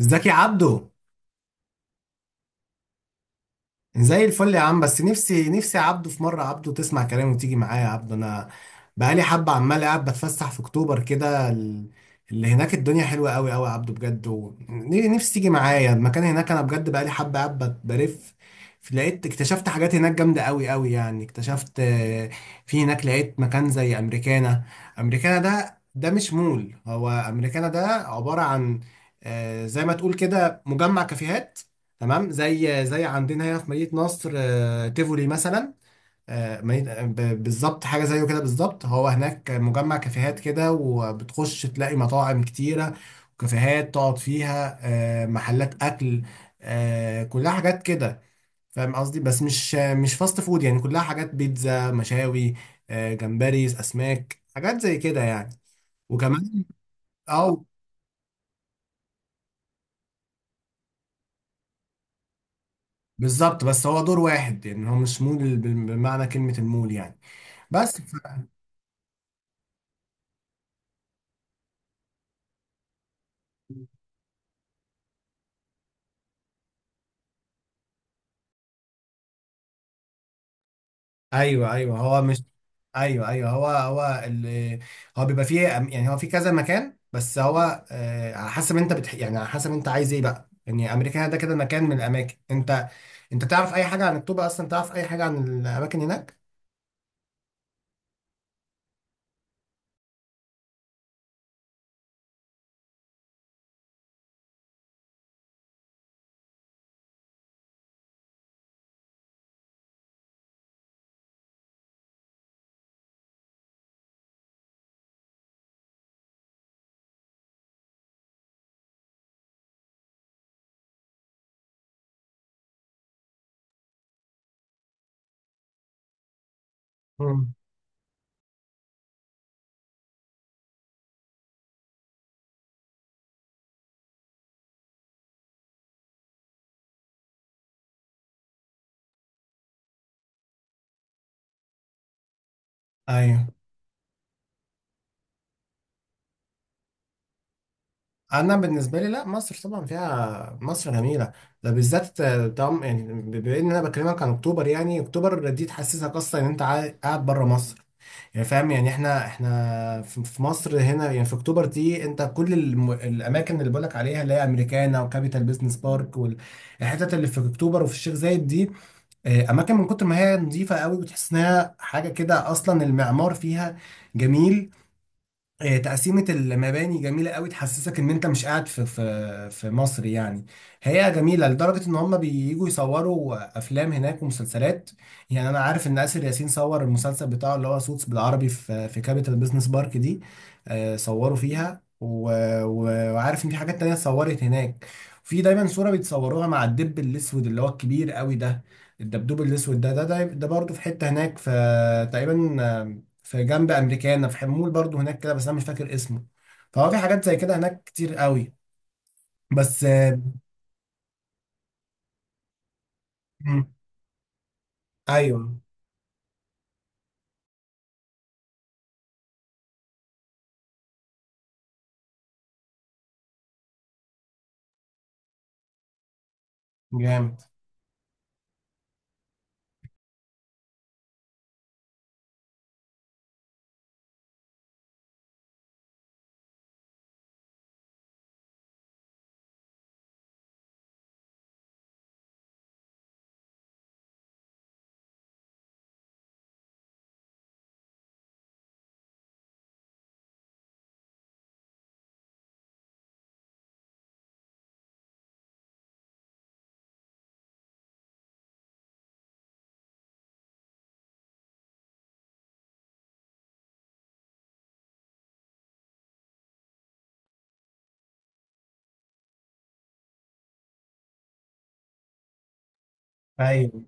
ازيك يا عبدو؟ زي الفل يا عم. بس نفسي نفسي يا عبدو في مره عبدو تسمع كلامي وتيجي معايا يا عبدو. انا بقالي حبه عمال قاعد بتفسح في اكتوبر كده، اللي هناك الدنيا حلوه قوي قوي يا عبدو بجد، ونفسي تيجي معايا المكان هناك. انا بجد بقالي حبه قاعد بلف. اكتشفت حاجات هناك جامده قوي قوي، يعني اكتشفت، في هناك لقيت مكان زي امريكانا. امريكانا ده مش مول، هو امريكانا ده عباره عن، زي ما تقول كده، مجمع كافيهات. تمام، زي عندنا هنا في مدينة نصر، تيفولي مثلا. بالظبط حاجة زيه كده بالظبط. هو هناك مجمع كافيهات كده، وبتخش تلاقي مطاعم كتيرة وكافيهات تقعد فيها، محلات أكل، كلها حاجات كده. فاهم قصدي؟ بس مش فاست فود، يعني كلها حاجات بيتزا مشاوي، جمبري أسماك حاجات زي كده يعني. وكمان، اه، بالظبط، بس هو دور واحد يعني، هو مش مول بمعنى كلمة المول يعني. بس، ايوه، ايوه، هو مش... ايوه، ايوه، هو هو بيبقى فيه يعني هو في كذا مكان، بس هو على حسب انت يعني على حسب انت عايز ايه بقى. يعني امريكانا ده كده مكان من الاماكن. انت انت تعرف اي حاجه عن الطوبه اصلا؟ تعرف اي حاجه عن الاماكن هناك؟ مم. ايوه. انا بالنسبه لي، لا، مصر طبعا فيها، مصر جميله، ده بالذات. طبعا يعني بما ان انا بكلمك عن اكتوبر، يعني اكتوبر دي تحسسك اصلا ان انت قاعد بره مصر. يعني فاهم؟ يعني احنا في مصر هنا، يعني في اكتوبر دي انت كل الاماكن اللي بقولك عليها، اللي هي امريكانا وكابيتال بيزنس بارك والحتت اللي في اكتوبر وفي الشيخ زايد دي، اماكن من كتر ما هي نظيفه قوي بتحس انها حاجه كده، اصلا المعمار فيها جميل، تقسيمة المباني جميلة قوي، تحسسك ان انت مش قاعد في مصر يعني. هي جميلة لدرجة ان هم بييجوا يصوروا افلام هناك ومسلسلات. يعني انا عارف ان آسر ياسين صور المسلسل بتاعه اللي هو سوتس بالعربي في كابيتال بيزنس بارك دي، صوروا فيها وعارف ان في حاجات تانية اتصورت هناك. في دايما صورة بيتصوروها مع الدب الاسود اللي هو الكبير قوي ده، الدبدوب الاسود ده برضه في حتة هناك في، تقريبا في جنب امريكانا، في حمول برضو هناك كده، بس انا مش فاكر اسمه. فهو في حاجات زي كده هناك كتير قوي. بس، مم. ايوه. جامد، ايوه.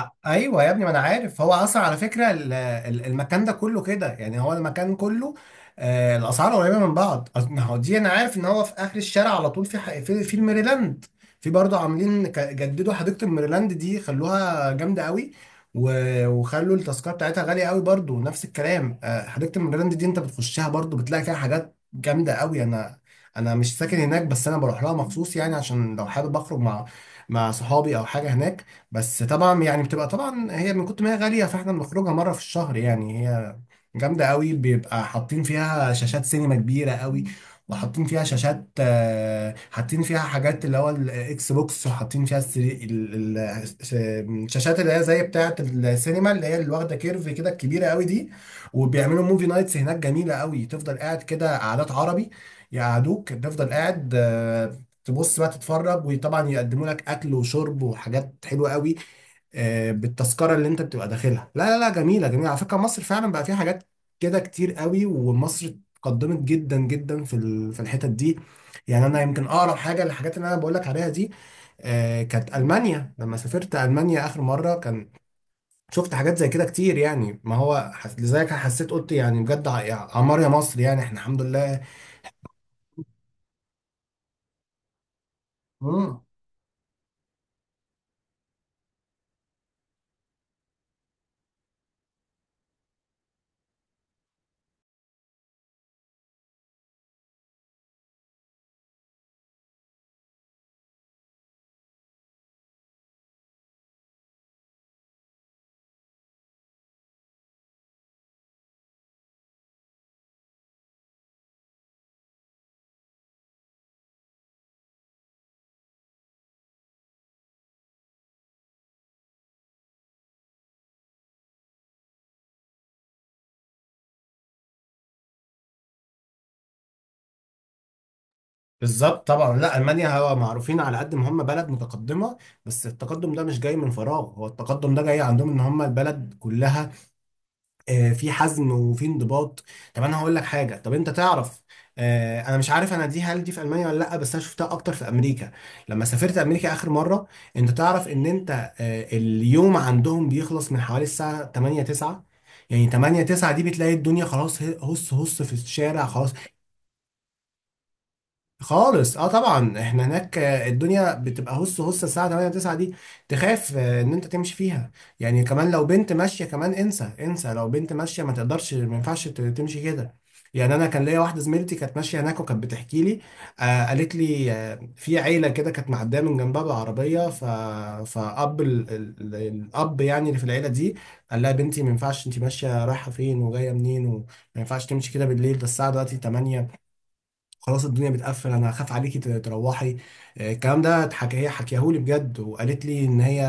ايوه يا ابني، ما انا عارف، هو اصلا على فكره المكان ده كله كده، يعني هو المكان كله الاسعار قريبه من بعض. ما هو دي انا عارف ان هو في اخر الشارع على طول، في في الميريلاند. في برضه عاملين، جددوا حديقه الميريلاند دي، خلوها جامده قوي، وخلوا التذكره بتاعتها غاليه قوي برضه، نفس الكلام. حديقه الميريلاند دي انت بتخشها برضه بتلاقي فيها حاجات جامده قوي. انا مش ساكن هناك، بس انا بروح لها مخصوص، يعني عشان لو حابب اخرج مع مع صحابي او حاجه هناك. بس طبعا يعني بتبقى طبعا هي من كتر ما هي غالية، فاحنا بنخرجها مرة في الشهر. يعني هي جامدة قوي، بيبقى حاطين فيها شاشات سينما كبيرة قوي، وحاطين فيها شاشات، حاطين فيها حاجات اللي هو الاكس بوكس، وحاطين فيها الشاشات اللي هي زي بتاعة السينما، اللي هي اللي واخدة كيرف كده، الكبيرة قوي دي. وبيعملوا موفي نايتس هناك جميلة قوي، تفضل قاعد كده قعدات عربي، يقعدوك تفضل قاعد، تبص بقى تتفرج، وطبعا يقدموا لك اكل وشرب وحاجات حلوه قوي، بالتذكره اللي انت بتبقى داخلها. لا، لا، لا، جميله جميله على فكره. مصر فعلا بقى فيها حاجات كده كتير قوي، ومصر اتقدمت جدا جدا في الحتت دي. يعني انا يمكن اقرب حاجه للحاجات اللي انا بقول لك عليها دي، كانت المانيا. لما سافرت المانيا اخر مره، كان شفت حاجات زي كده كتير، يعني ما هو لذلك حسيت قلت يعني بجد، يا عمار يا مصر، يعني احنا الحمد لله. بالظبط طبعا. لا، المانيا هو معروفين على قد ما هم بلد متقدمه، بس التقدم ده مش جاي من فراغ، هو التقدم ده جاي عندهم ان هم البلد كلها، في حزم وفي انضباط. طب انا هقول لك حاجه، طب انت تعرف، انا مش عارف انا دي، هل دي في المانيا ولا لا، بس انا شفتها اكتر في امريكا، لما سافرت امريكا اخر مره. انت تعرف ان انت اليوم عندهم بيخلص من حوالي الساعه 8 9، يعني 8 9 دي بتلاقي الدنيا خلاص، هص هص في الشارع خلاص. خالص اه طبعا. احنا هناك الدنيا بتبقى هص هص الساعه 8 9 دي، تخاف ان انت تمشي فيها. يعني كمان لو بنت ماشيه كمان انسى انسى، لو بنت ماشيه ما تقدرش، ما ينفعش تمشي كده. يعني انا كان ليا واحده زميلتي كانت ماشيه هناك، وكانت بتحكي لي، قالت لي، في عيله كده كانت معديه من جنبها بالعربيه، ف الاب يعني اللي في العيله دي قال لها: بنتي، ما ينفعش انت ماشيه رايحه فين وجايه منين، وما ينفعش تمشي كده بالليل، ده الساعه دلوقتي 8 خلاص، الدنيا بتقفل، انا هخاف عليكي تروحي. الكلام ده اتحكى، هي حكيهولي بجد، وقالت لي ان هي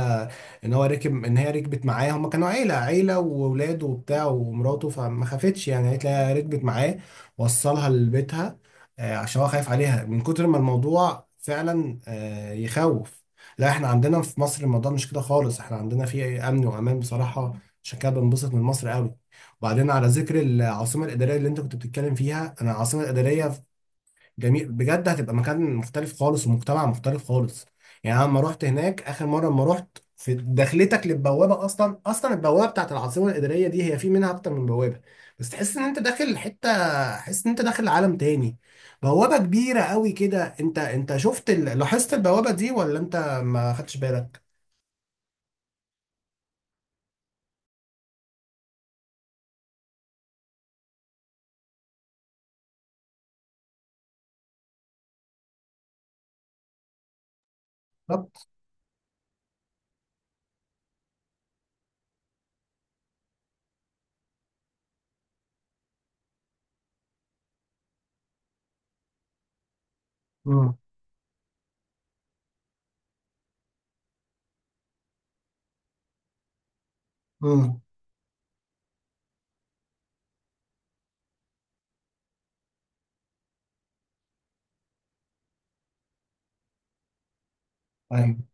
ان هو راكب ان هي ركبت معاه، هما كانوا عيله واولاده وبتاع ومراته، فما خافتش، يعني قالت لي ركبت معاه، وصلها لبيتها، عشان هو خايف عليها من كتر ما الموضوع فعلا، يخوف. لا، احنا عندنا في مصر الموضوع مش كده خالص، احنا عندنا فيه امن وامان بصراحه، عشان كده بنبسط من مصر قوي. وبعدين على ذكر العاصمه الاداريه اللي انت كنت بتتكلم فيها، انا العاصمه الاداريه جميل بجد، هتبقى مكان مختلف خالص ومجتمع مختلف خالص. يعني انا لما رحت هناك اخر مره، لما رحت في دخلتك للبوابه، اصلا البوابه بتاعت العاصمه الاداريه دي هي في منها اكتر من بوابه، بس تحس ان انت داخل حته، تحس ان انت داخل عالم تاني. بوابه كبيره قوي كده، انت شفت لاحظت البوابه دي ولا انت ما خدتش بالك؟ بالظبط. امم، امم،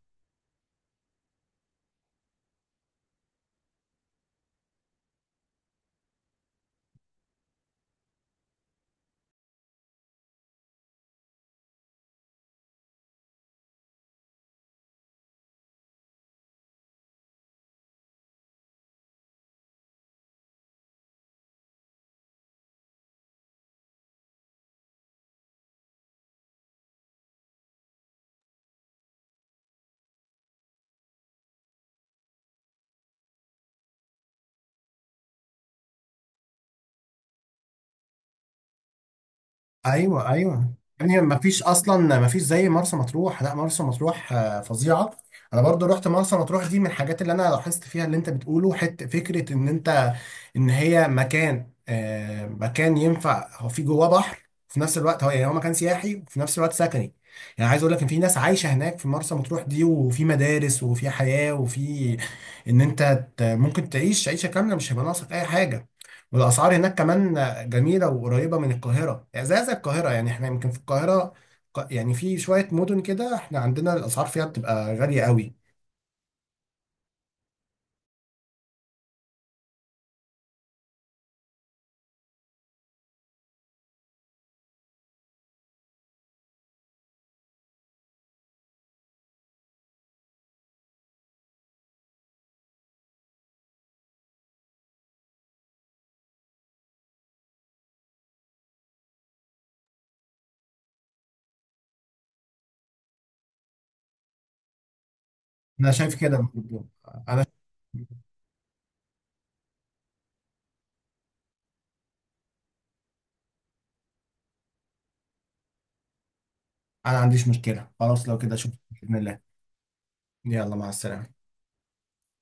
ايوه، ايوه. يعني ما فيش اصلا، ما فيش زي مرسى مطروح. لا، مرسى مطروح فظيعه. انا برضو رحت مرسى مطروح دي، من الحاجات اللي انا لاحظت فيها اللي انت بتقوله، حته فكره ان انت ان هي مكان، مكان ينفع، هو في جواه بحر في نفس الوقت، هو يعني هو مكان سياحي وفي نفس الوقت سكني. يعني عايز اقول لك ان في ناس عايشه هناك في مرسى مطروح دي، وفي مدارس وفي حياه، وفي ان انت ممكن تعيش عيشه كامله، مش هيبقى ناقصك اي حاجه. والاسعار هناك كمان جميلة وقريبة من القاهرة، يعني زي القاهرة. يعني احنا يمكن في القاهرة، يعني في شوية مدن كده احنا عندنا الأسعار فيها بتبقى غالية قوي. أنا شايف كده برضو. أنا أنا ما عنديش مشكلة خلاص، لو كده شوف بإذن الله. يلا مع السلامة.